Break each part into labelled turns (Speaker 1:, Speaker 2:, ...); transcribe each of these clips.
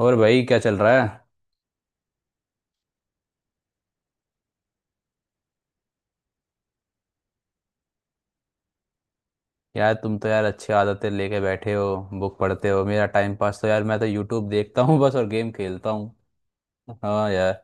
Speaker 1: और भाई क्या चल रहा है? यार तुम तो यार अच्छी आदतें लेके बैठे हो, बुक पढ़ते हो। मेरा टाइम पास तो यार, मैं तो यूट्यूब देखता हूँ बस, और गेम खेलता हूँ। हाँ यार।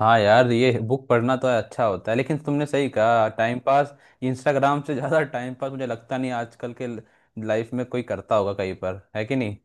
Speaker 1: हाँ यार, ये बुक पढ़ना तो अच्छा होता है, लेकिन तुमने सही कहा टाइम पास। इंस्टाग्राम से ज़्यादा टाइम पास मुझे लगता नहीं आजकल के लाइफ में कोई करता होगा, कहीं पर है कि नहीं।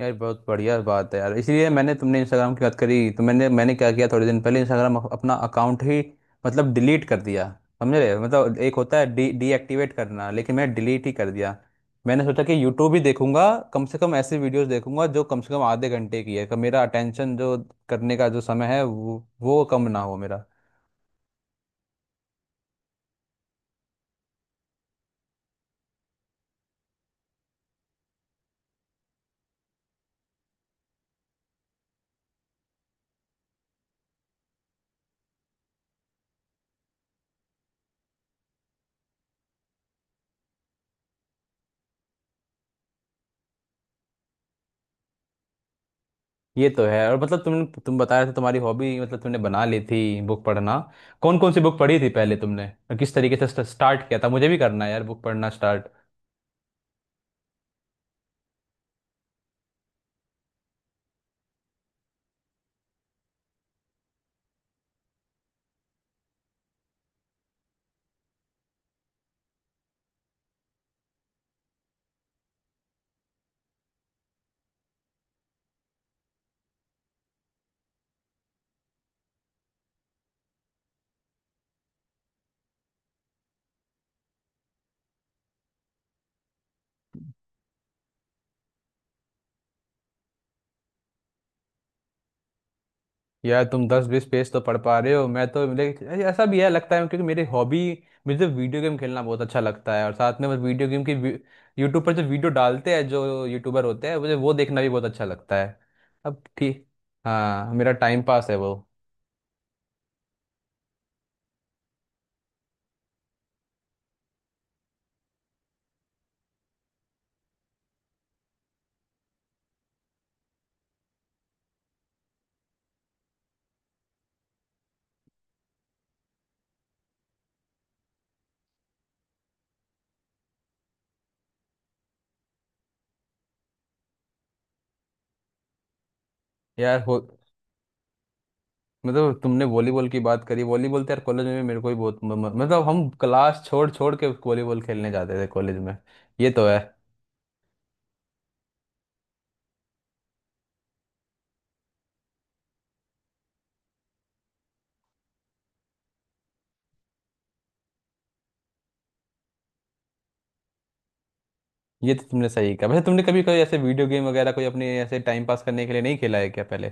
Speaker 1: यार बहुत बढ़िया बात है यार, इसलिए मैंने, तुमने इंस्टाग्राम की बात करी तो मैंने मैंने क्या किया, थोड़े दिन पहले इंस्टाग्राम अपना अकाउंट ही मतलब डिलीट कर दिया। समझ रहे हो? मतलब एक होता है डी डीएक्टिवेट करना, लेकिन मैंने डिलीट ही कर दिया। मैंने सोचा कि यूट्यूब भी देखूंगा, कम से कम ऐसी वीडियोस देखूंगा जो कम से कम आधे घंटे की है, कि मेरा अटेंशन जो करने का जो समय है वो कम ना हो मेरा। ये तो है। और मतलब तुम बता रहे थे तुम्हारी हॉबी, मतलब तुमने बना ली थी बुक पढ़ना। कौन कौन सी बुक पढ़ी थी पहले तुमने, और किस तरीके से स्टार्ट किया था? मुझे भी करना है यार बुक पढ़ना स्टार्ट। यार तुम 10 20 पेज तो पढ़ पा रहे हो, मैं तो, मेरे ऐसा भी है लगता है, क्योंकि मेरी हॉबी, मुझे वीडियो गेम खेलना बहुत अच्छा लगता है, और साथ में मैं वीडियो गेम की यूट्यूब पर जो वीडियो डालते हैं, जो यूट्यूबर होते हैं, मुझे वो देखना भी बहुत अच्छा लगता है। अब ठीक। हाँ मेरा टाइम पास है वो। यार हो, मतलब तुमने वॉलीबॉल की बात करी, वॉलीबॉल तो यार कॉलेज में भी मेरे को भी बहुत, मतलब हम क्लास छोड़ छोड़ के वॉलीबॉल खेलने जाते थे कॉलेज में। ये तो है। ये तो तुमने सही कहा। वैसे तुमने कभी कोई ऐसे वीडियो गेम वगैरह कोई अपने ऐसे टाइम पास करने के लिए नहीं खेला है क्या पहले?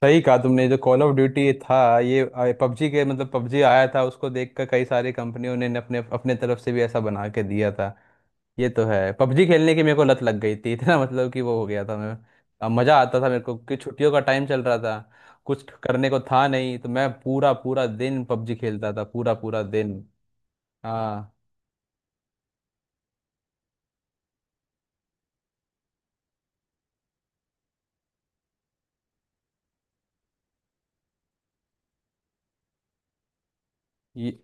Speaker 1: सही कहा तुमने जो कॉल ऑफ ड्यूटी था ये, पबजी के मतलब पबजी आया था, उसको देखकर कई सारी कंपनियों ने अपने अपने तरफ से भी ऐसा बना के दिया था। ये तो है, पबजी खेलने की मेरे को लत लग गई थी इतना, मतलब कि वो हो गया था मैं। अब मज़ा आता था मेरे को कि छुट्टियों का टाइम चल रहा था, कुछ करने को था नहीं, तो मैं पूरा पूरा दिन पबजी खेलता था, पूरा पूरा दिन। हाँ। ये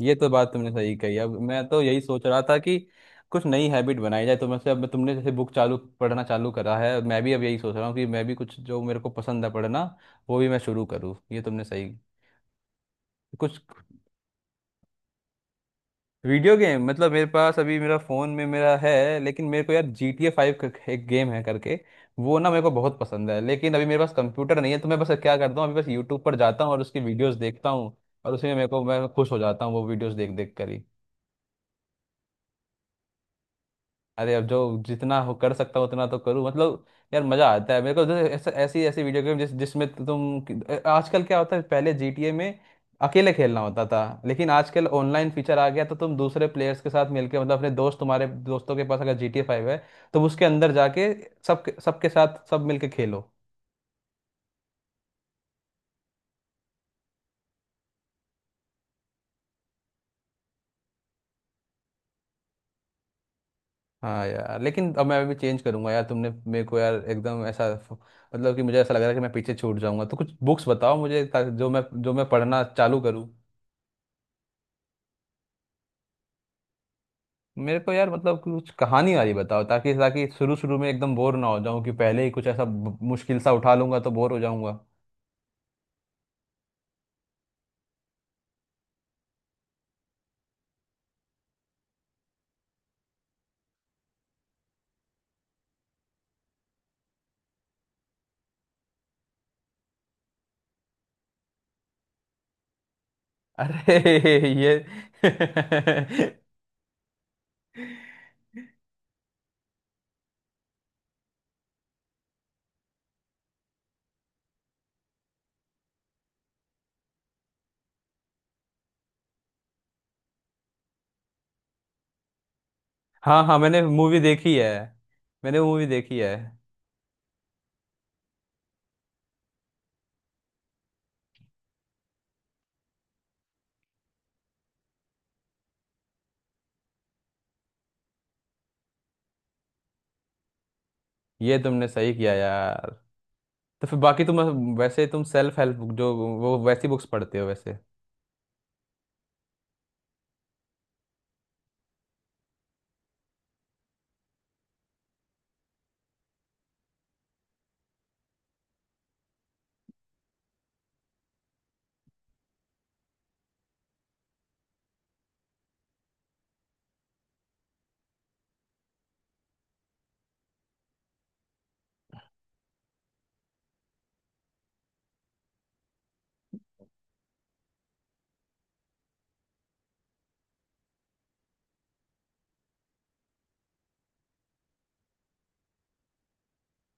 Speaker 1: ये तो बात तुमने सही कही। अब मैं तो यही सोच रहा था कि कुछ नई हैबिट बनाई जाए, तो से अब तुमने जैसे बुक चालू पढ़ना चालू करा है, मैं भी अब यही सोच रहा हूँ कि मैं भी कुछ जो मेरे को पसंद है पढ़ना, वो भी मैं शुरू करूँ, ये तुमने सही कुछ। वीडियो गेम मतलब मेरे पास अभी मेरा फ़ोन में मेरा है, लेकिन मेरे को यार GTA 5 करके एक गेम है करके, वो ना मेरे को बहुत पसंद है, लेकिन अभी मेरे पास कंप्यूटर नहीं है, तो मैं बस क्या करता हूँ अभी, बस यूट्यूब पर जाता हूँ और उसकी वीडियोस देखता हूँ, और उसी में मेरे को, मैं खुश हो जाता हूँ वो वीडियोस देख देख कर ही। अरे अब जो जितना हो कर सकता हूँ उतना तो करूँ मतलब। यार मजा आता है मेरे को, जैसे ऐसे ऐसी ऐसी वीडियो गेम, जिसमें तुम आजकल क्या होता है, पहले जीटीए में अकेले खेलना होता था, लेकिन आजकल ऑनलाइन फीचर आ गया, तो तुम दूसरे प्लेयर्स के साथ मिलके, मतलब अपने दोस्त, तुम्हारे दोस्तों के पास अगर GTA 5 है तो उसके अंदर जाके, सब सबके साथ सब मिलके खेलो। हाँ यार, लेकिन अब मैं अभी चेंज करूंगा यार, तुमने मेरे को यार एकदम ऐसा, मतलब कि मुझे ऐसा लग रहा है कि मैं पीछे छूट जाऊंगा, तो कुछ बुक्स बताओ मुझे ताकि जो मैं पढ़ना चालू करूँ। मेरे को यार मतलब कुछ कहानी वाली बताओ, ताकि ताकि शुरू शुरू में एकदम बोर ना हो जाऊं कि पहले ही कुछ ऐसा, मुश्किल सा उठा लूंगा तो बोर हो जाऊंगा। अरे ये हाँ हाँ, मैंने मूवी देखी है। मैंने मूवी देखी है। ये तुमने सही किया यार। तो फिर बाकी तुम, वैसे तुम सेल्फ हेल्प बुक जो, वो वैसी बुक्स पढ़ते हो वैसे?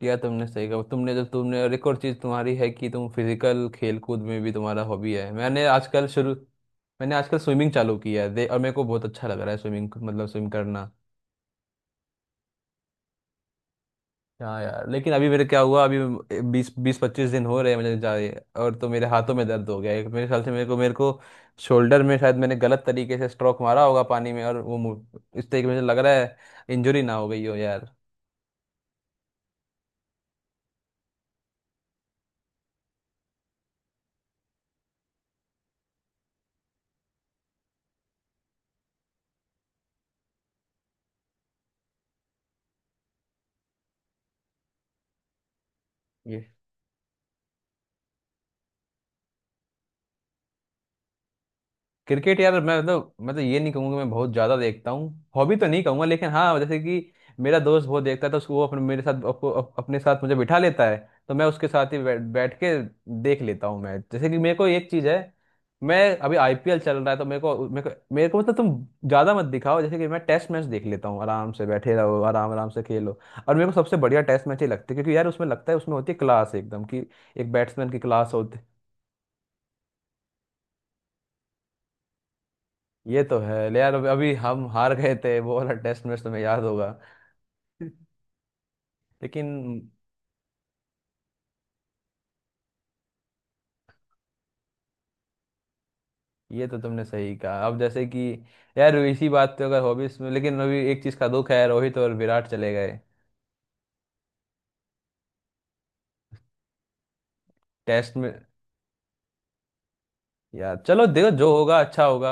Speaker 1: या तुमने सही कहा, तुमने जब तुमने, और एक और चीज तुम्हारी है कि तुम फिजिकल खेल कूद में भी तुम्हारा हॉबी है। मैंने आजकल शुरू, मैंने आजकल स्विमिंग चालू किया है दे, और मेरे को बहुत अच्छा लग रहा है स्विमिंग, मतलब स्विम करना। हाँ यार, लेकिन अभी मेरे क्या हुआ अभी, 20 20 25 दिन हो रहे हैं मुझे जाए, और तो मेरे हाथों में दर्द हो गया है, मेरे ख्याल से मेरे को शोल्डर में शायद मैंने गलत तरीके से स्ट्रोक मारा होगा पानी में, और वो, इस तरीके से मुझे लग रहा है इंजरी ना हो गई हो यार। क्रिकेट यार मैं मतलब, मैं तो ये नहीं कहूँगा मैं बहुत ज़्यादा देखता हूँ, हॉबी तो नहीं कहूँगा, लेकिन हाँ, जैसे कि मेरा दोस्त बहुत देखता है तो उसको वो अपने मेरे साथ, अपने साथ मुझे बिठा लेता है, तो मैं उसके साथ ही बैठ बैठ के देख लेता हूँ मैं, जैसे कि मेरे को एक चीज़ है, मैं, अभी आईपीएल चल रहा है तो मेरे को मतलब, तुम ज़्यादा मत दिखाओ, जैसे कि मैं टेस्ट मैच देख लेता हूँ, आराम से बैठे रहो, आराम आराम से खेलो। और मेरे को सबसे बढ़िया टेस्ट मैच ही लगते हैं, क्योंकि यार उसमें लगता है, उसमें होती है क्लास एकदम, कि एक बैट्समैन की क्लास होती। ये तो है ले यार, अभी अभी हम हार गए थे वो वाला टेस्ट मैच तुम्हें याद होगा, लेकिन। ये तो तुमने सही कहा। अब जैसे कि यार इसी बात पे, अगर हॉबीज में, लेकिन अभी एक चीज का दुख है, रोहित और विराट चले गए टेस्ट में। यार चलो देखो, जो होगा अच्छा होगा।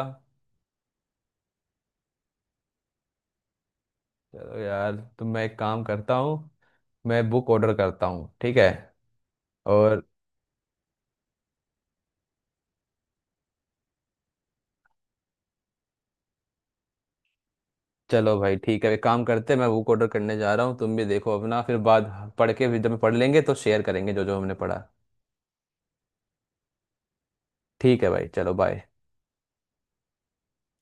Speaker 1: चलो यार, तो मैं एक काम करता हूँ, मैं बुक ऑर्डर करता हूँ ठीक है, और। चलो भाई ठीक है, एक काम करते हैं, मैं बुक ऑर्डर करने जा रहा हूँ, तुम भी देखो अपना, फिर बाद पढ़ के भी, जब पढ़ लेंगे तो शेयर करेंगे जो जो हमने पढ़ा। ठीक है भाई, चलो बाय।